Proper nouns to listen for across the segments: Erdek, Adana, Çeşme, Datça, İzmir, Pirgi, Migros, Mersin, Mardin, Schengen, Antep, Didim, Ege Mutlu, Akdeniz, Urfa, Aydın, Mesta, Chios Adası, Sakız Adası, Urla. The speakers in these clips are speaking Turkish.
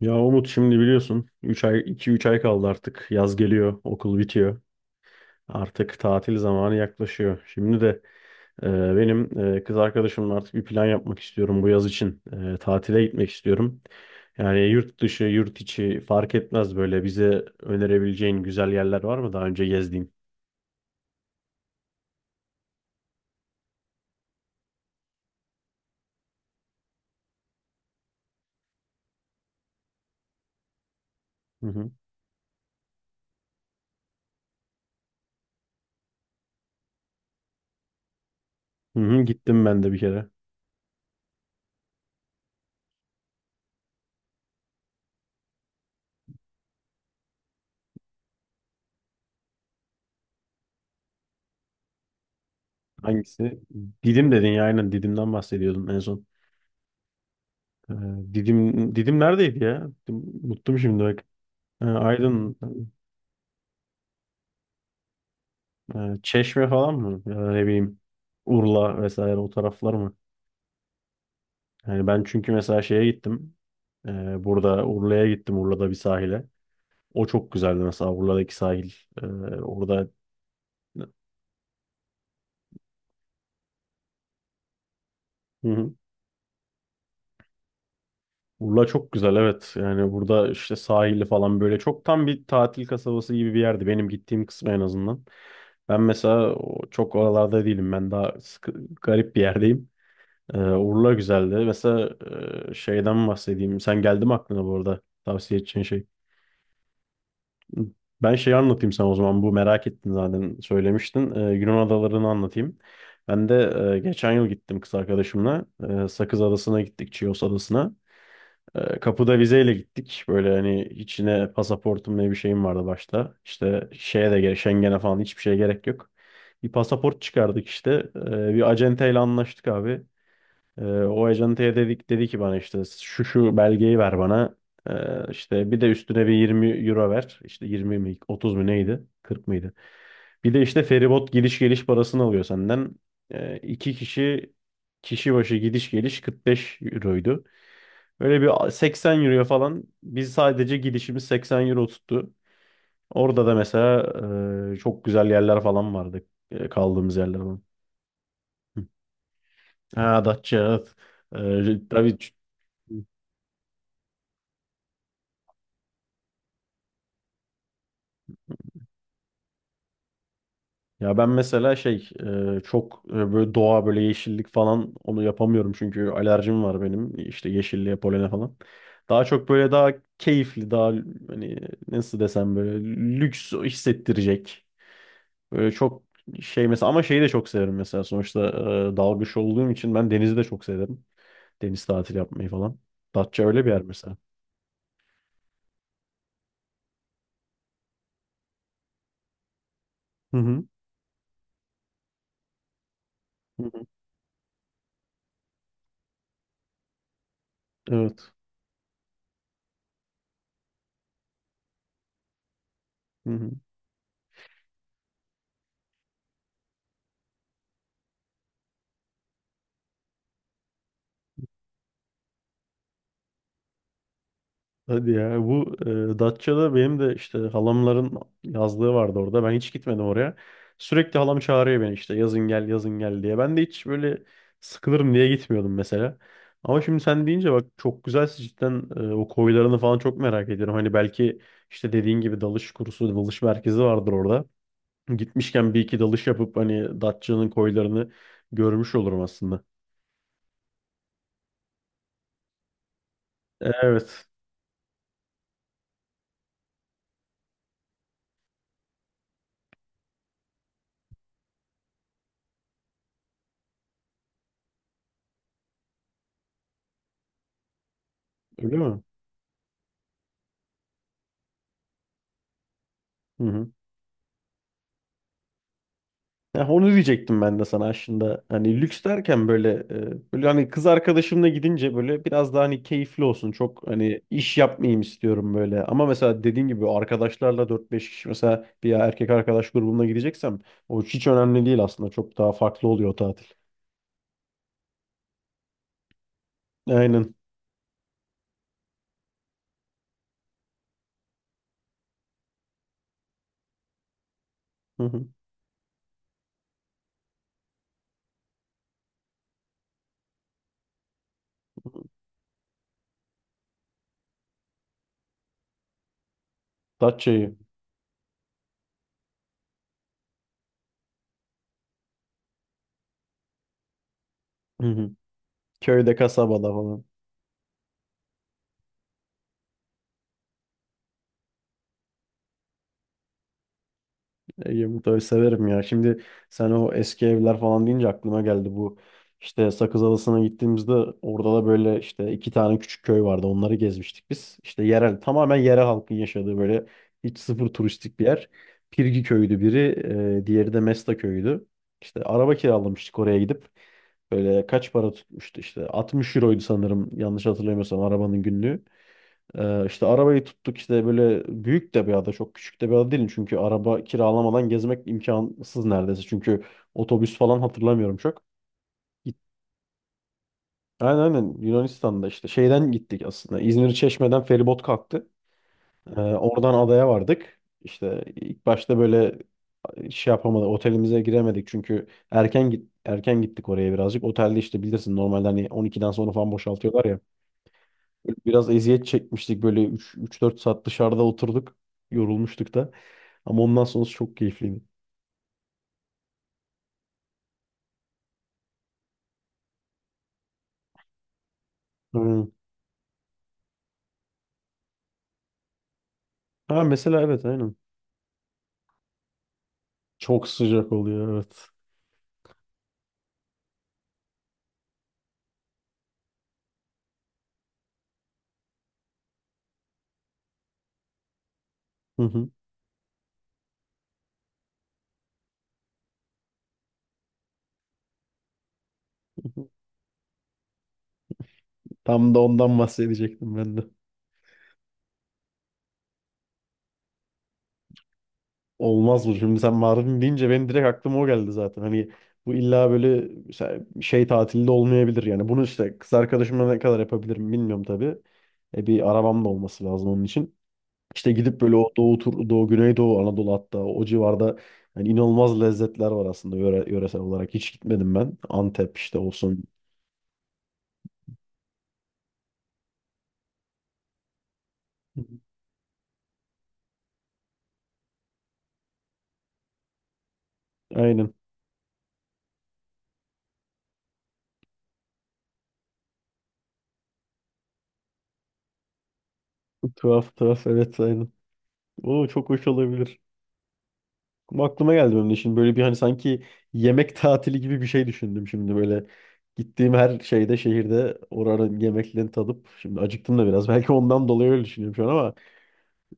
Ya Umut şimdi biliyorsun 3 ay 2-3 ay kaldı artık. Yaz geliyor, okul bitiyor. Artık tatil zamanı yaklaşıyor. Şimdi de e, benim kız arkadaşımla artık bir plan yapmak istiyorum bu yaz için. Tatile gitmek istiyorum. Yani yurt dışı, yurt içi fark etmez, böyle bize önerebileceğin güzel yerler var mı daha önce gezdiğin? Hı hı. Hı hı, gittim ben de bir kere. Hangisi? Didim dedin ya, aynen Didim'den bahsediyordun en son. E, Didim neredeydi ya? Unuttum şimdi, bak. Aydın. Yani Çeşme falan mı? Ya da ne bileyim, Urla vesaire o taraflar mı? Yani ben çünkü mesela şeye gittim. Burada Urla'ya gittim. Urla'da bir sahile. O çok güzeldi mesela, Urla'daki sahil. Ee, orada Hı hı. Urla çok güzel, evet. Yani burada işte sahili falan böyle çok tam bir tatil kasabası gibi bir yerdi. Benim gittiğim kısmı en azından. Ben mesela çok oralarda değilim. Ben daha sıkı, garip bir yerdeyim. Urla güzeldi. Mesela şeyden bahsedeyim. Sen geldi mi aklına bu arada tavsiye edeceğin şey? Ben şeyi anlatayım sana o zaman. Bu merak ettin zaten, söylemiştin. Yunan adalarını anlatayım. Ben de geçen yıl gittim kız arkadaşımla. Sakız Adası'na gittik, Chios Adası'na. Kapıda vizeyle gittik. Böyle hani içine pasaportum ne bir şeyim vardı başta. İşte şeye de gerek, Schengen'e falan hiçbir şeye gerek yok. Bir pasaport çıkardık işte. Bir acenteyle anlaştık abi. O ajantaya dedik, dedi ki bana işte şu şu belgeyi ver bana. İşte bir de üstüne bir 20 € ver. İşte 20 mi 30 mu neydi? 40 mıydı? Bir de işte feribot gidiş geliş parasını alıyor senden. İki kişi başı gidiş geliş 45 euroydu. Böyle bir 80 euroya falan, biz sadece gidişimiz 80 € tuttu. Orada da mesela çok güzel yerler falan vardı. Kaldığımız yerler falan. Hı. Ha, Datça. Evet. Tabii. Ya ben mesela çok, böyle doğa, böyle yeşillik falan, onu yapamıyorum çünkü alerjim var benim işte yeşilliğe, polene falan. Daha çok böyle daha keyifli, daha hani, nasıl desem, böyle lüks hissettirecek. Böyle çok şey mesela, ama şeyi de çok severim mesela. Sonuçta dalgıç olduğum için ben denizi de çok severim. Deniz tatili yapmayı falan. Datça öyle bir yer mesela. Hı hı. Hı hı. Evet. Hı hı. Hadi ya, bu Datça'da benim de işte halamların yazlığı vardı orada. Ben hiç gitmedim oraya. Sürekli halam çağırıyor beni işte yazın gel, yazın gel diye. Ben de hiç böyle sıkılırım diye gitmiyordum mesela. Ama şimdi sen deyince bak, çok güzel cidden. O koylarını falan çok merak ediyorum. Hani belki işte dediğin gibi dalış kursu, dalış merkezi vardır orada. Gitmişken bir iki dalış yapıp hani Datça'nın koylarını görmüş olurum aslında. Evet. Öyle mi? Hı hı. Ya, onu diyecektim ben de sana aslında. Hani lüks derken böyle, böyle hani kız arkadaşımla gidince böyle biraz daha hani keyifli olsun. Çok hani iş yapmayayım istiyorum böyle. Ama mesela dediğin gibi arkadaşlarla dört beş kişi mesela, bir erkek arkadaş grubumla gideceksem, o hiç önemli değil aslında. Çok daha farklı oluyor o tatil. Aynen. Hı hı. Datça'yı. Hı hı. Köyde, kasabada falan. Ege Mutlu'yu severim ya. Şimdi sen o eski evler falan deyince aklıma geldi bu. İşte Sakız Adası'na gittiğimizde orada da böyle işte iki tane küçük köy vardı. Onları gezmiştik biz. İşte yerel, tamamen yerel halkın yaşadığı böyle hiç sıfır turistik bir yer. Pirgi köyüydü biri, diğeri de Mesta köyüydü. İşte araba kiralamıştık oraya gidip. Böyle kaç para tutmuştu işte, 60 euroydu sanırım yanlış hatırlamıyorsam, arabanın günlüğü. İşte arabayı tuttuk. İşte böyle büyük de bir ada, çok küçük de bir ada değil, çünkü araba kiralamadan gezmek imkansız neredeyse, çünkü otobüs falan hatırlamıyorum çok. Git- Aynen aynen, Yunanistan'da işte şeyden gittik aslında, İzmir Çeşme'den feribot kalktı. Oradan adaya vardık. İşte ilk başta böyle şey yapamadık, otelimize giremedik çünkü erken erken gittik oraya birazcık. Otelde işte bilirsin, normalde hani 12'den sonra falan boşaltıyorlar ya. Böyle biraz eziyet çekmiştik, böyle 3 3-4 saat dışarıda oturduk. Yorulmuştuk da. Ama ondan sonrası çok keyifliydi. Aynen. Ha mesela, evet aynen. Çok sıcak oluyor, evet. Hı hı. Tam da ondan bahsedecektim ben de. Olmaz bu. Şimdi sen Mardin deyince benim direkt aklıma o geldi zaten. Hani bu illa böyle mesela şey tatilde olmayabilir yani. Bunu işte kız arkadaşımla ne kadar yapabilirim bilmiyorum tabii. E, bir arabam da olması lazım onun için. İşte gidip böyle o Doğu, Güneydoğu, Anadolu hatta o civarda, yani inanılmaz lezzetler var aslında yöresel olarak. Hiç gitmedim ben. Antep işte olsun. Hı hı. Aynen. Tuhaf tuhaf, evet aynen. Oo, çok hoş olabilir. Ama aklıma geldi benim de şimdi böyle bir hani, sanki yemek tatili gibi bir şey düşündüm şimdi böyle. Gittiğim her şehirde oranın yemeklerini tadıp, şimdi acıktım da biraz belki ondan dolayı öyle düşünüyorum şu an. Ama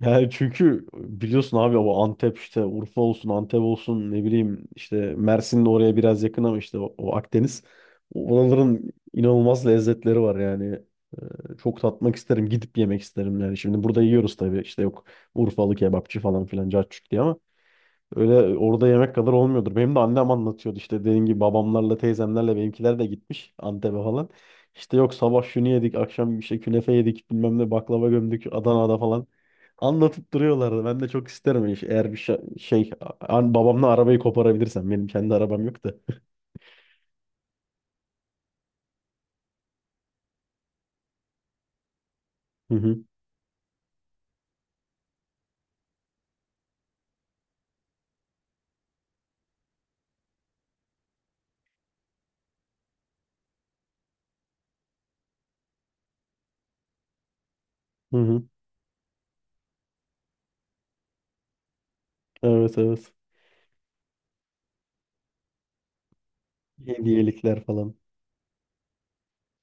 yani çünkü biliyorsun abi, o Antep işte, Urfa olsun Antep olsun ne bileyim, işte Mersin de oraya biraz yakın ama işte o Akdeniz. Oraların inanılmaz lezzetleri var yani. Çok tatmak isterim, gidip yemek isterim yani. Şimdi burada yiyoruz tabii, işte yok Urfalı kebapçı falan filan cacık diye, ama öyle orada yemek kadar olmuyordur. Benim de annem anlatıyordu işte, dediğim gibi babamlarla teyzemlerle benimkiler de gitmiş Antep'e falan. İşte yok, sabah şunu yedik, akşam işte künefe yedik, bilmem ne, baklava gömdük Adana'da falan. Anlatıp duruyorlardı. Ben de çok isterim eğer bir babamla arabayı koparabilirsem. Benim kendi arabam yok da. Hı hı, hı hı. Evet evet. Hediyelikler falan.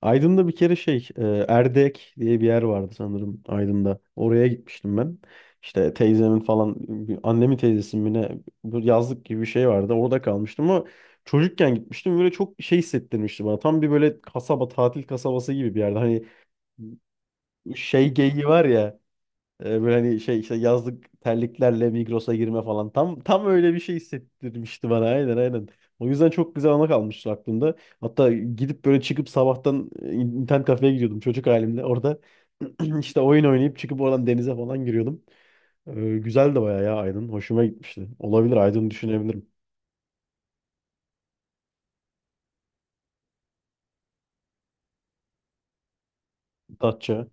Aydın'da bir kere Erdek diye bir yer vardı sanırım Aydın'da. Oraya gitmiştim ben. İşte teyzemin falan annemin teyzesinin mi ne, bu yazlık gibi bir şey vardı. Orada kalmıştım ama çocukken gitmiştim. Böyle çok şey hissettirmişti bana. Tam bir böyle kasaba, tatil kasabası gibi bir yerde. Hani şey geyiği var ya. Böyle hani şey işte yazlık terliklerle Migros'a girme falan. Tam öyle bir şey hissettirmişti bana. Aynen aynen. O yüzden çok güzel ana kalmıştı aklımda. Hatta gidip böyle çıkıp sabahtan internet kafeye gidiyordum çocuk halimle. Orada işte oyun oynayıp çıkıp oradan denize falan giriyordum. Güzel de bayağı ya Aydın. Hoşuma gitmişti. Olabilir, Aydın düşünebilirim. Datça.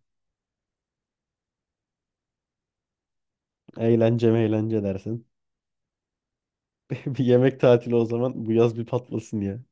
Eğlence mi eğlence dersin. Bir yemek tatili o zaman, bu yaz bir patlasın.